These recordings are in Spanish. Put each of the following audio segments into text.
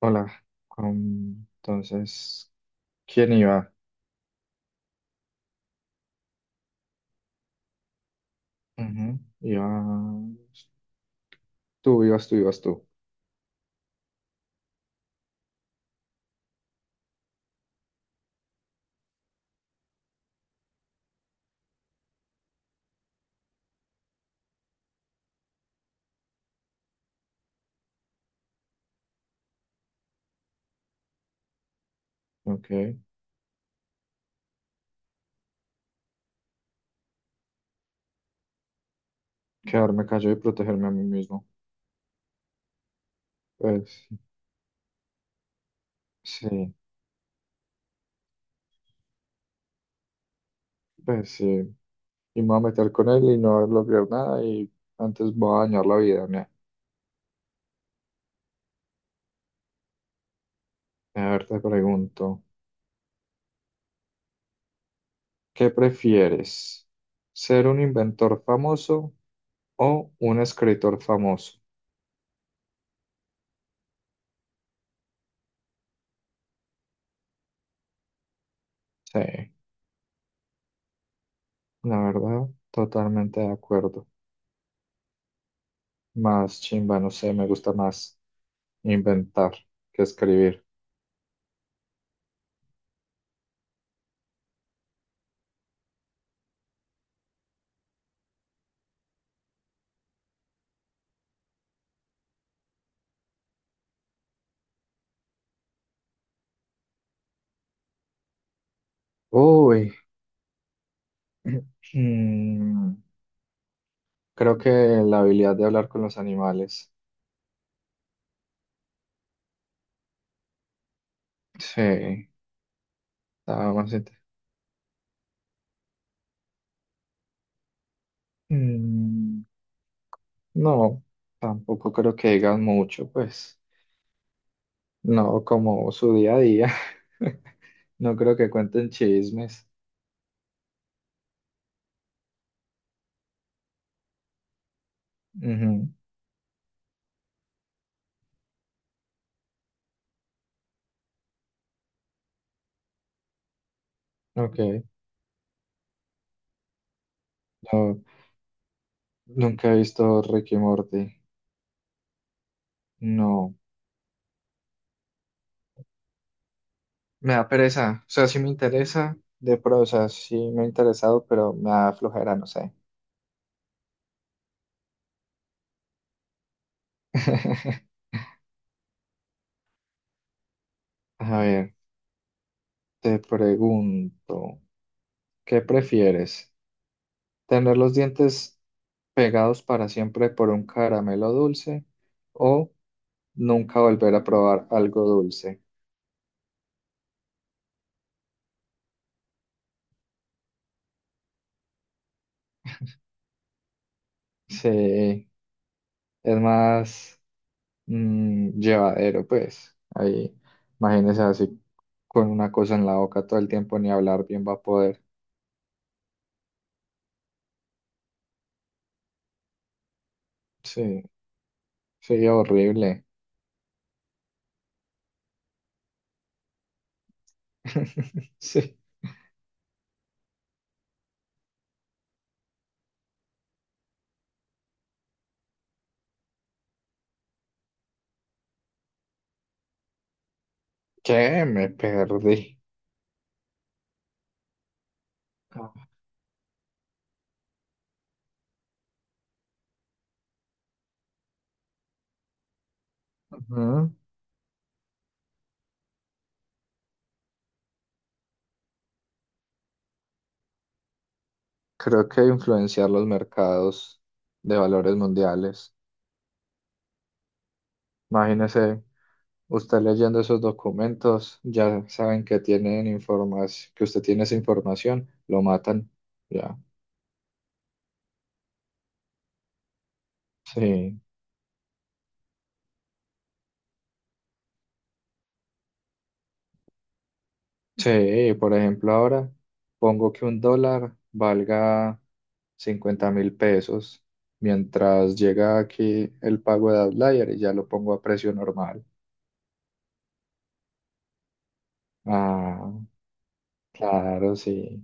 Hola, entonces, ¿quién iba? Ujú, ibas tú. OK, quedarme callado y protegerme a mí mismo. Pues sí, pues sí. Y me voy a meter con él y no voy a lograr nada y antes voy a dañar la vida. Mira. A ver, te pregunto, ¿qué prefieres? ¿Ser un inventor famoso o un escritor famoso? Sí, la verdad, totalmente de acuerdo. Más chimba, no sé, me gusta más. Inventar, que escribir. Uy, mm, creo que la habilidad de hablar con los animales. Sí, estaba más int- Mm, no, tampoco creo que digan mucho, pues. No, como su día a día. No creo que cuenten chismes. Ujú, OK, no, nunca he visto Ricky Morty. No, me da pereza. O sea, sí me interesa, o sea, sí me ha interesado, pero me da flojera, no sé. A ver, te pregunto, ¿qué prefieres? ¿Tener los dientes pegados para siempre por un caramelo dulce o nunca volver a probar algo dulce? Sí, es más llevadero, pues. Ahí, imagínese así con una cosa en la boca todo el tiempo, ni hablar bien va a poder. Sí, sí, horrible. Sí. ¿Qué? Me perdí. Ajá. Creo que influenciar los mercados de valores mundiales. Imagínese usted leyendo esos documentos, ya saben que tienen información, que usted tiene esa información, lo matan. Ya. Sí. Sí, por ejemplo, ahora pongo que un dólar valga 50.000 pesos mientras llega aquí el pago de Outlier y ya lo pongo a precio normal. Ah, claro, sí.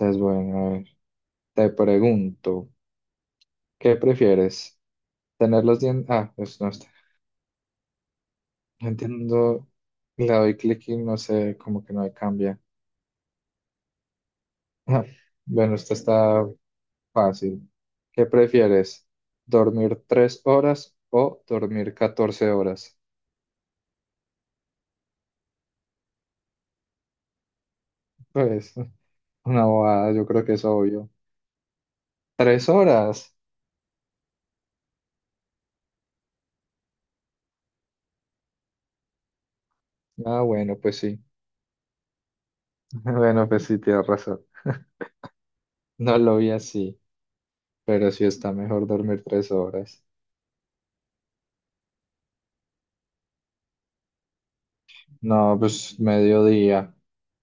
Es bueno. A ver, te pregunto. ¿Qué prefieres? ¿Tener los dientes? Ah, pues no está. No entiendo. Le doy clic y no sé, como que no me cambia. Bueno, esto está fácil. ¿Qué prefieres? ¿Dormir 3 horas o dormir 14 horas? Pues una bobada, yo creo que es obvio. ¿Tres horas? Ah, bueno, pues sí. Bueno, pues sí, tienes razón. No lo vi así, pero sí está mejor dormir 3 horas. No, pues mediodía,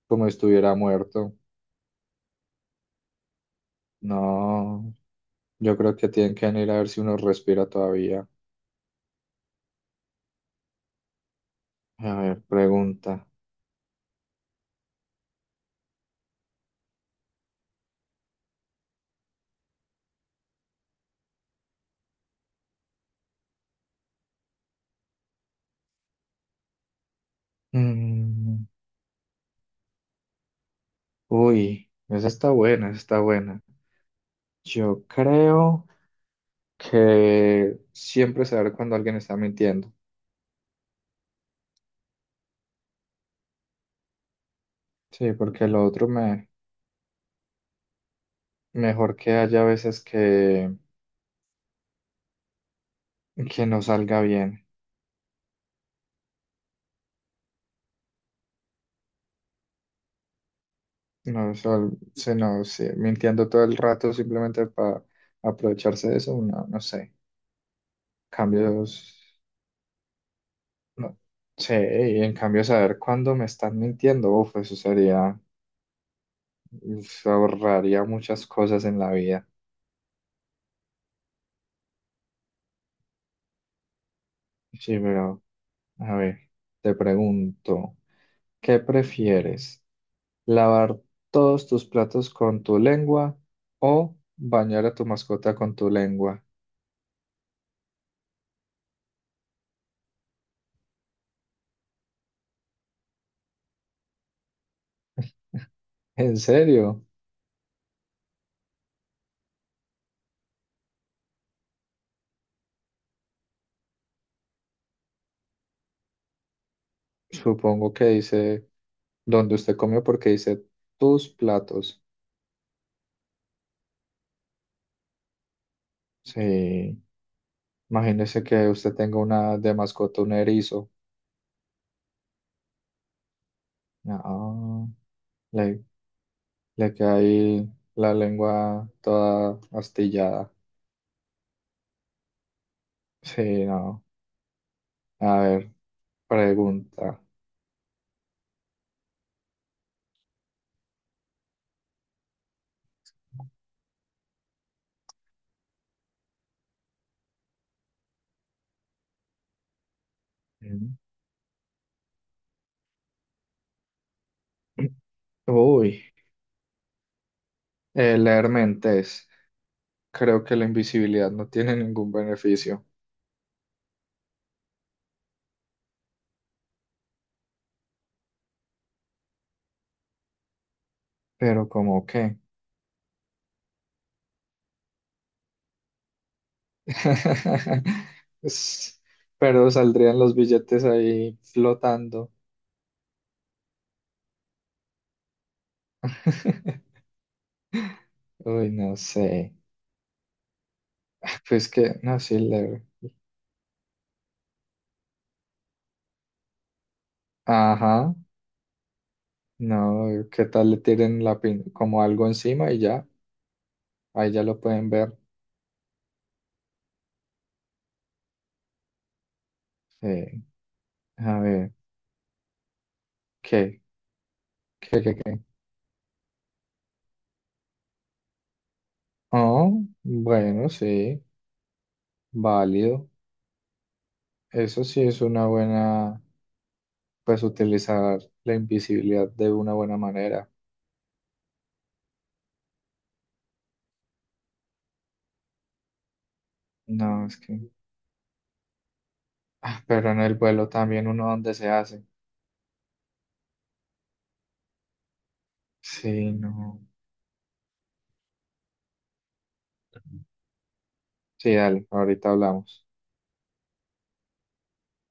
como estuviera muerto. No, yo creo que tienen que venir a ver si uno respira todavía. A ver, pregunta. Mm, uy, esa está buena, esa está buena. Yo creo que siempre saber cuando alguien está mintiendo. Sí, porque lo otro me mejor que haya veces que no salga bien. No, sol- se no, sí, mintiendo todo el rato simplemente para aprovecharse de eso, no, no sé. Cambios. No sé, y en cambio saber cuándo me están mintiendo, uf, eso sería, se ahorraría muchas cosas en la vida. Sí, pero, a ver, te pregunto, ¿qué prefieres? ¿Lavar todos tus platos con tu lengua o bañar a tu mascota con tu lengua? ¿En serio? Supongo que dice donde usted comió porque dice tus platos. Sí, imagínese que usted tenga una de mascota, un erizo. No. Le, le queda ahí la lengua toda astillada. Sí, no. A ver, pregunta. Mm. Uy, leer mentes. Creo que la invisibilidad no tiene ningún beneficio. Pero ¿cómo qué? Es- Pero saldrían los billetes ahí flotando. Uy, no sé. Pues que, no, sí, leer. Ajá. No, ¿qué tal le tiren la pin como algo encima y ya? Ahí ya lo pueden ver. Eh, a ver, ¿qué? ¿Qué, qué, qué? Oh, bueno, sí, válido. Eso sí es una buena, pues utilizar la invisibilidad de una buena manera. No, es que... Ah, pero en el vuelo también uno donde se hace. Sí, no. Sí, dale, ahorita hablamos.